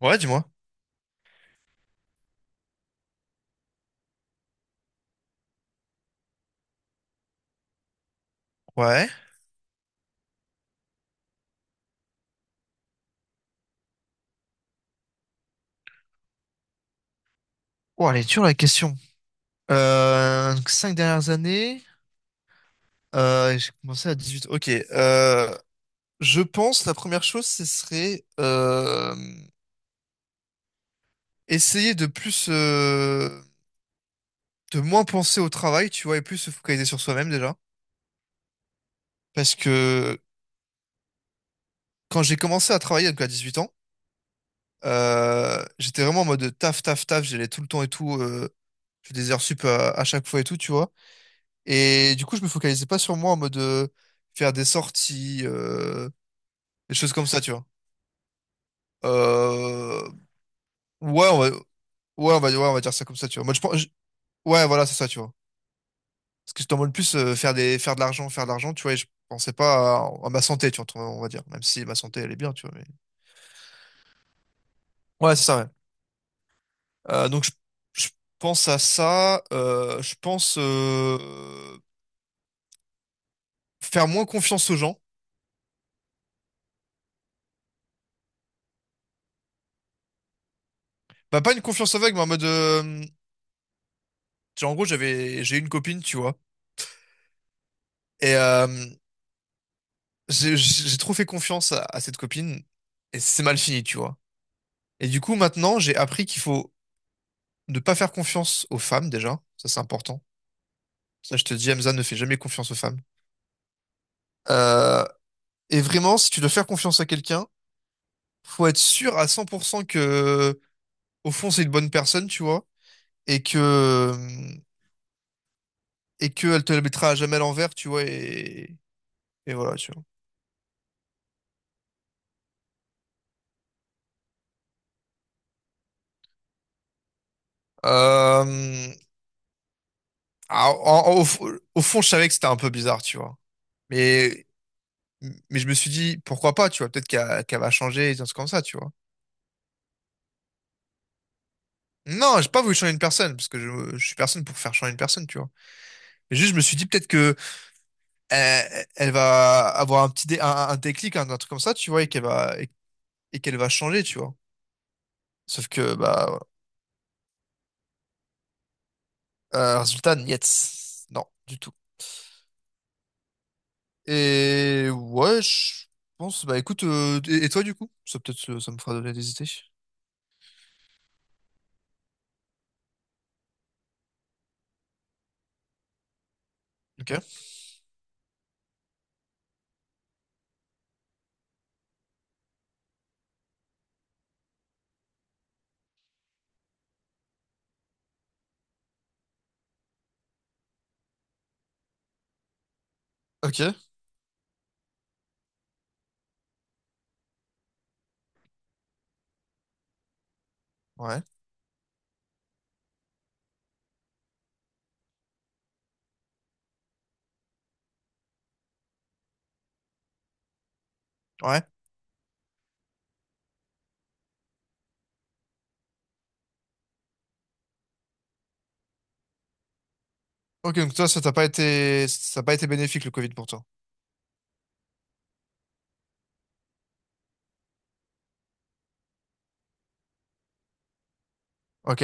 Ouais, dis-moi. Ouais. Oh, elle est dure la question. 5 dernières années, j'ai commencé à 18. Ok. Je pense la première chose, ce serait essayer de plus, de moins penser au travail, tu vois, et plus se focaliser sur soi-même déjà. Parce que quand j'ai commencé à travailler donc à 18 ans, j'étais vraiment en mode taf, taf, taf, j'allais tout le temps et tout, je faisais des heures sup à chaque fois et tout, tu vois. Et du coup, je me focalisais pas sur moi en mode faire des sorties, des choses comme ça, tu vois. Euh, ouais, on va dire ça comme ça, tu vois. Moi, ouais, voilà, c'est ça, tu vois. Parce que je t'en mode plus faire de l'argent, tu vois. Et je pensais pas à ma santé, tu vois, on va dire. Même si ma santé, elle est bien, tu vois. Mais... Ouais, c'est ça, ouais. Donc, je pense à ça. Je pense faire moins confiance aux gens. Bah, pas une confiance aveugle, mais en mode. Genre, en gros, j'ai eu une copine, tu vois. Et j'ai trop fait confiance à cette copine et c'est mal fini, tu vois. Et du coup, maintenant, j'ai appris qu'il faut ne pas faire confiance aux femmes déjà. Ça, c'est important. Ça, je te dis, Hamza, ne fais jamais confiance aux femmes. Euh, et vraiment, si tu dois faire confiance à quelqu'un, faut être sûr à 100% que, au fond, c'est une bonne personne, tu vois, et que, et qu'elle te la mettra à jamais à l'envers, tu vois, et voilà, tu vois. Euh, au fond, je savais que c'était un peu bizarre, tu vois. Mais Mais je me suis dit, pourquoi pas, tu vois, peut-être qu'elle va changer, et des trucs comme ça, tu vois. Non, j'ai pas voulu changer une personne, parce que je suis personne pour faire changer une personne, tu vois. Mais juste, je me suis dit peut-être que elle va avoir un petit un déclic, un truc comme ça, tu vois, et qu'elle va changer, tu vois. Sauf que, bah, résultat, niet. Non, du tout. Et ouais, je pense, bah écoute, et toi du coup? Ça peut-être ça me fera donner des idées. Ok. Ok. Ouais. Ouais. Ok, donc toi, ça a pas été bénéfique le Covid pour toi. Ok.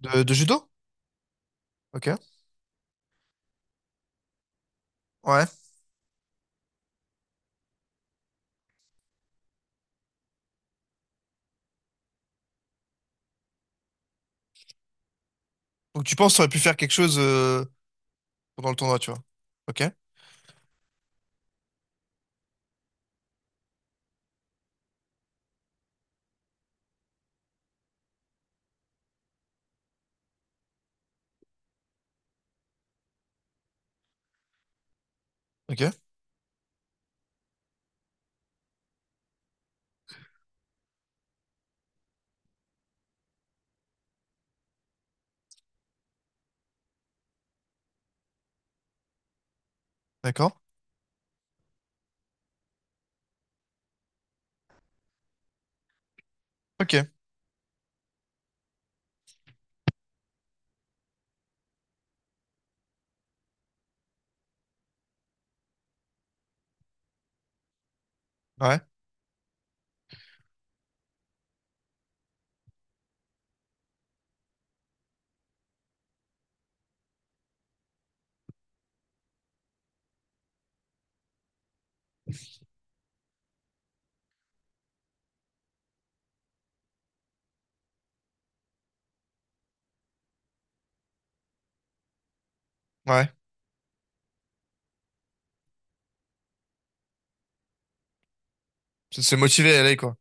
De judo? Ok. Ouais. Donc tu penses que tu aurais pu faire quelque chose pendant le tournoi, tu vois. Ok. Ok. D'accord. Ok. Ouais. Ouais. C'est de se motiver à aller, quoi.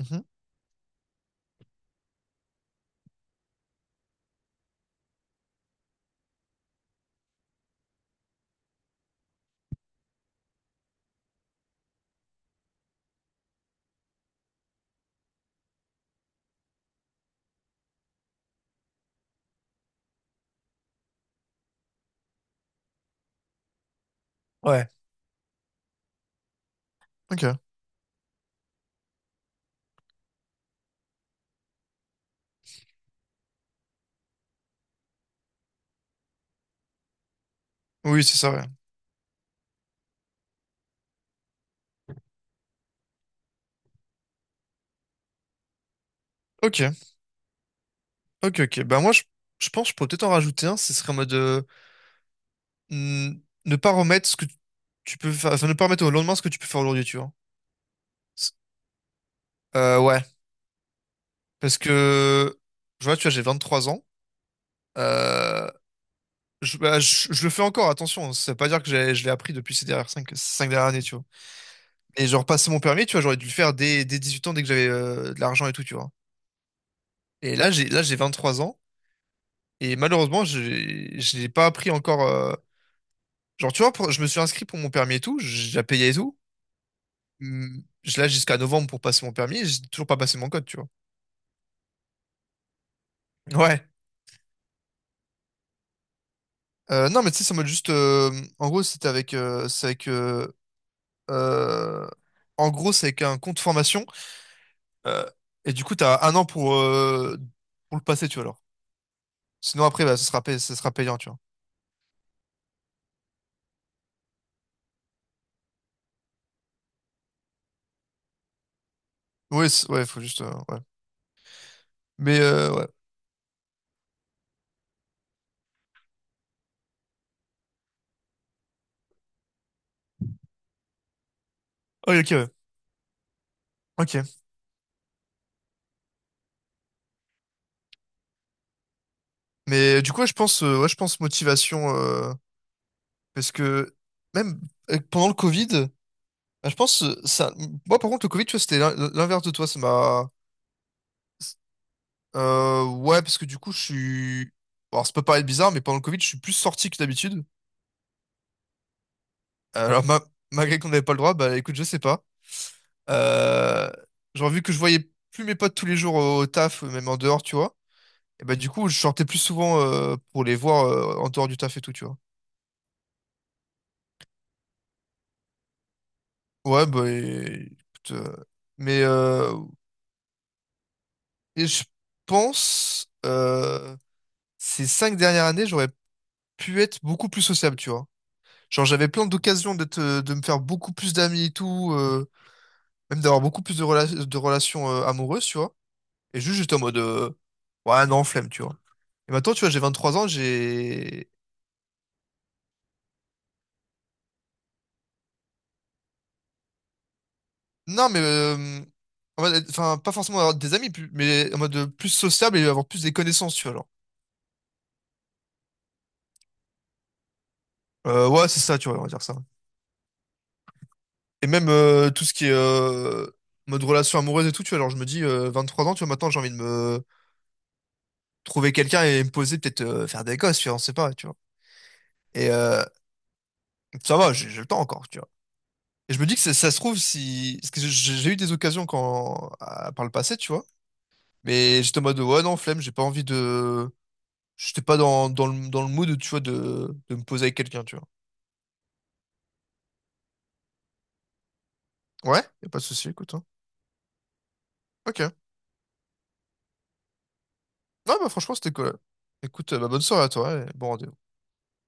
Mhm. Ouais. Ok. Oui, c'est ça, ouais. Ok. Ok, ok. Bah moi, je pense que je pourrais peut-être en rajouter un. Ce serait en mode ne pas remettre ce que tu peux faire. Enfin, ne pas remettre au lendemain ce que tu peux faire aujourd'hui, tu vois. Ouais. Parce que, je vois, tu vois, j'ai 23 ans. Euh, Bah, je le fais encore, attention. Hein. Ça veut pas dire que je l'ai appris depuis ces dernières 5, dernières années, tu vois. Mais genre, passer mon permis, tu vois, j'aurais dû le faire dès 18 ans, dès que j'avais de l'argent et tout, tu vois. Et là, j'ai 23 ans. Et malheureusement, je l'ai pas appris encore. Genre, tu vois, je me suis inscrit pour mon permis et tout. J'ai déjà payé et tout. Je l'ai jusqu'à novembre pour passer mon permis. Et j'ai toujours pas passé mon code, tu vois. Ouais. Non, mais tu sais, ça mode juste. En gros, c'était avec. C'est avec. Euh, En gros, c'est avec un compte formation. Euh, et du coup, t'as un an pour le passer, tu vois, alors. Sinon, après, bah, ce sera payant, tu vois. Ouais, ouais, faut juste, ouais. Mais, ouais. Oh, ok, ouais. Ok. Mais du coup, ouais, je pense motivation, parce que même pendant le Covid, bah, je pense, ça, moi, par contre, le Covid, tu vois, c'était l'inverse de toi, ça m'a, ouais, parce que du coup, je suis, bon, alors, ça peut paraître bizarre, mais pendant le Covid, je suis plus sorti que d'habitude. Alors, malgré qu'on n'avait pas le droit, bah, écoute, je sais pas. Euh, genre, vu que je voyais plus mes potes tous les jours au taf, même en dehors, tu vois, et bah, du coup, je sortais plus souvent pour les voir en dehors du taf et tout, tu vois. Ouais, bah, écoute, mais euh, et je pense, ces 5 dernières années, j'aurais pu être beaucoup plus sociable, tu vois. Genre, j'avais plein d'occasions d'être, de me faire beaucoup plus d'amis et tout, même d'avoir beaucoup plus de relations amoureuses, tu vois. Et juste, j'étais en mode, ouais, non, flemme, tu vois. Et maintenant, tu vois, j'ai vingt trois ans, j'ai Non, mais en mode enfin, pas forcément avoir des amis, mais en mode plus sociable et avoir plus des connaissances, tu vois, genre. Ouais, c'est ça, tu vois, on va dire ça. Et même tout ce qui est mode relation amoureuse et tout, tu vois, alors je me dis, 3 ans, tu vois, maintenant j'ai envie de me trouver quelqu'un et me poser, peut-être faire des gosses, tu vois, on sait pas, tu vois. Et ça va, j'ai le temps encore, tu vois. Et je me dis que ça se trouve, si. Parce que j'ai eu des occasions par le passé, tu vois. Mais j'étais en mode, ouais, non, flemme, j'ai pas envie de. J'étais pas dans le mood, tu vois, de me poser avec quelqu'un, tu vois. Ouais, y a pas de souci, écoute. Hein. Ok. Ouais, bah franchement, c'était cool. Écoute, bah, bonne soirée à toi ouais, et bon rendez-vous.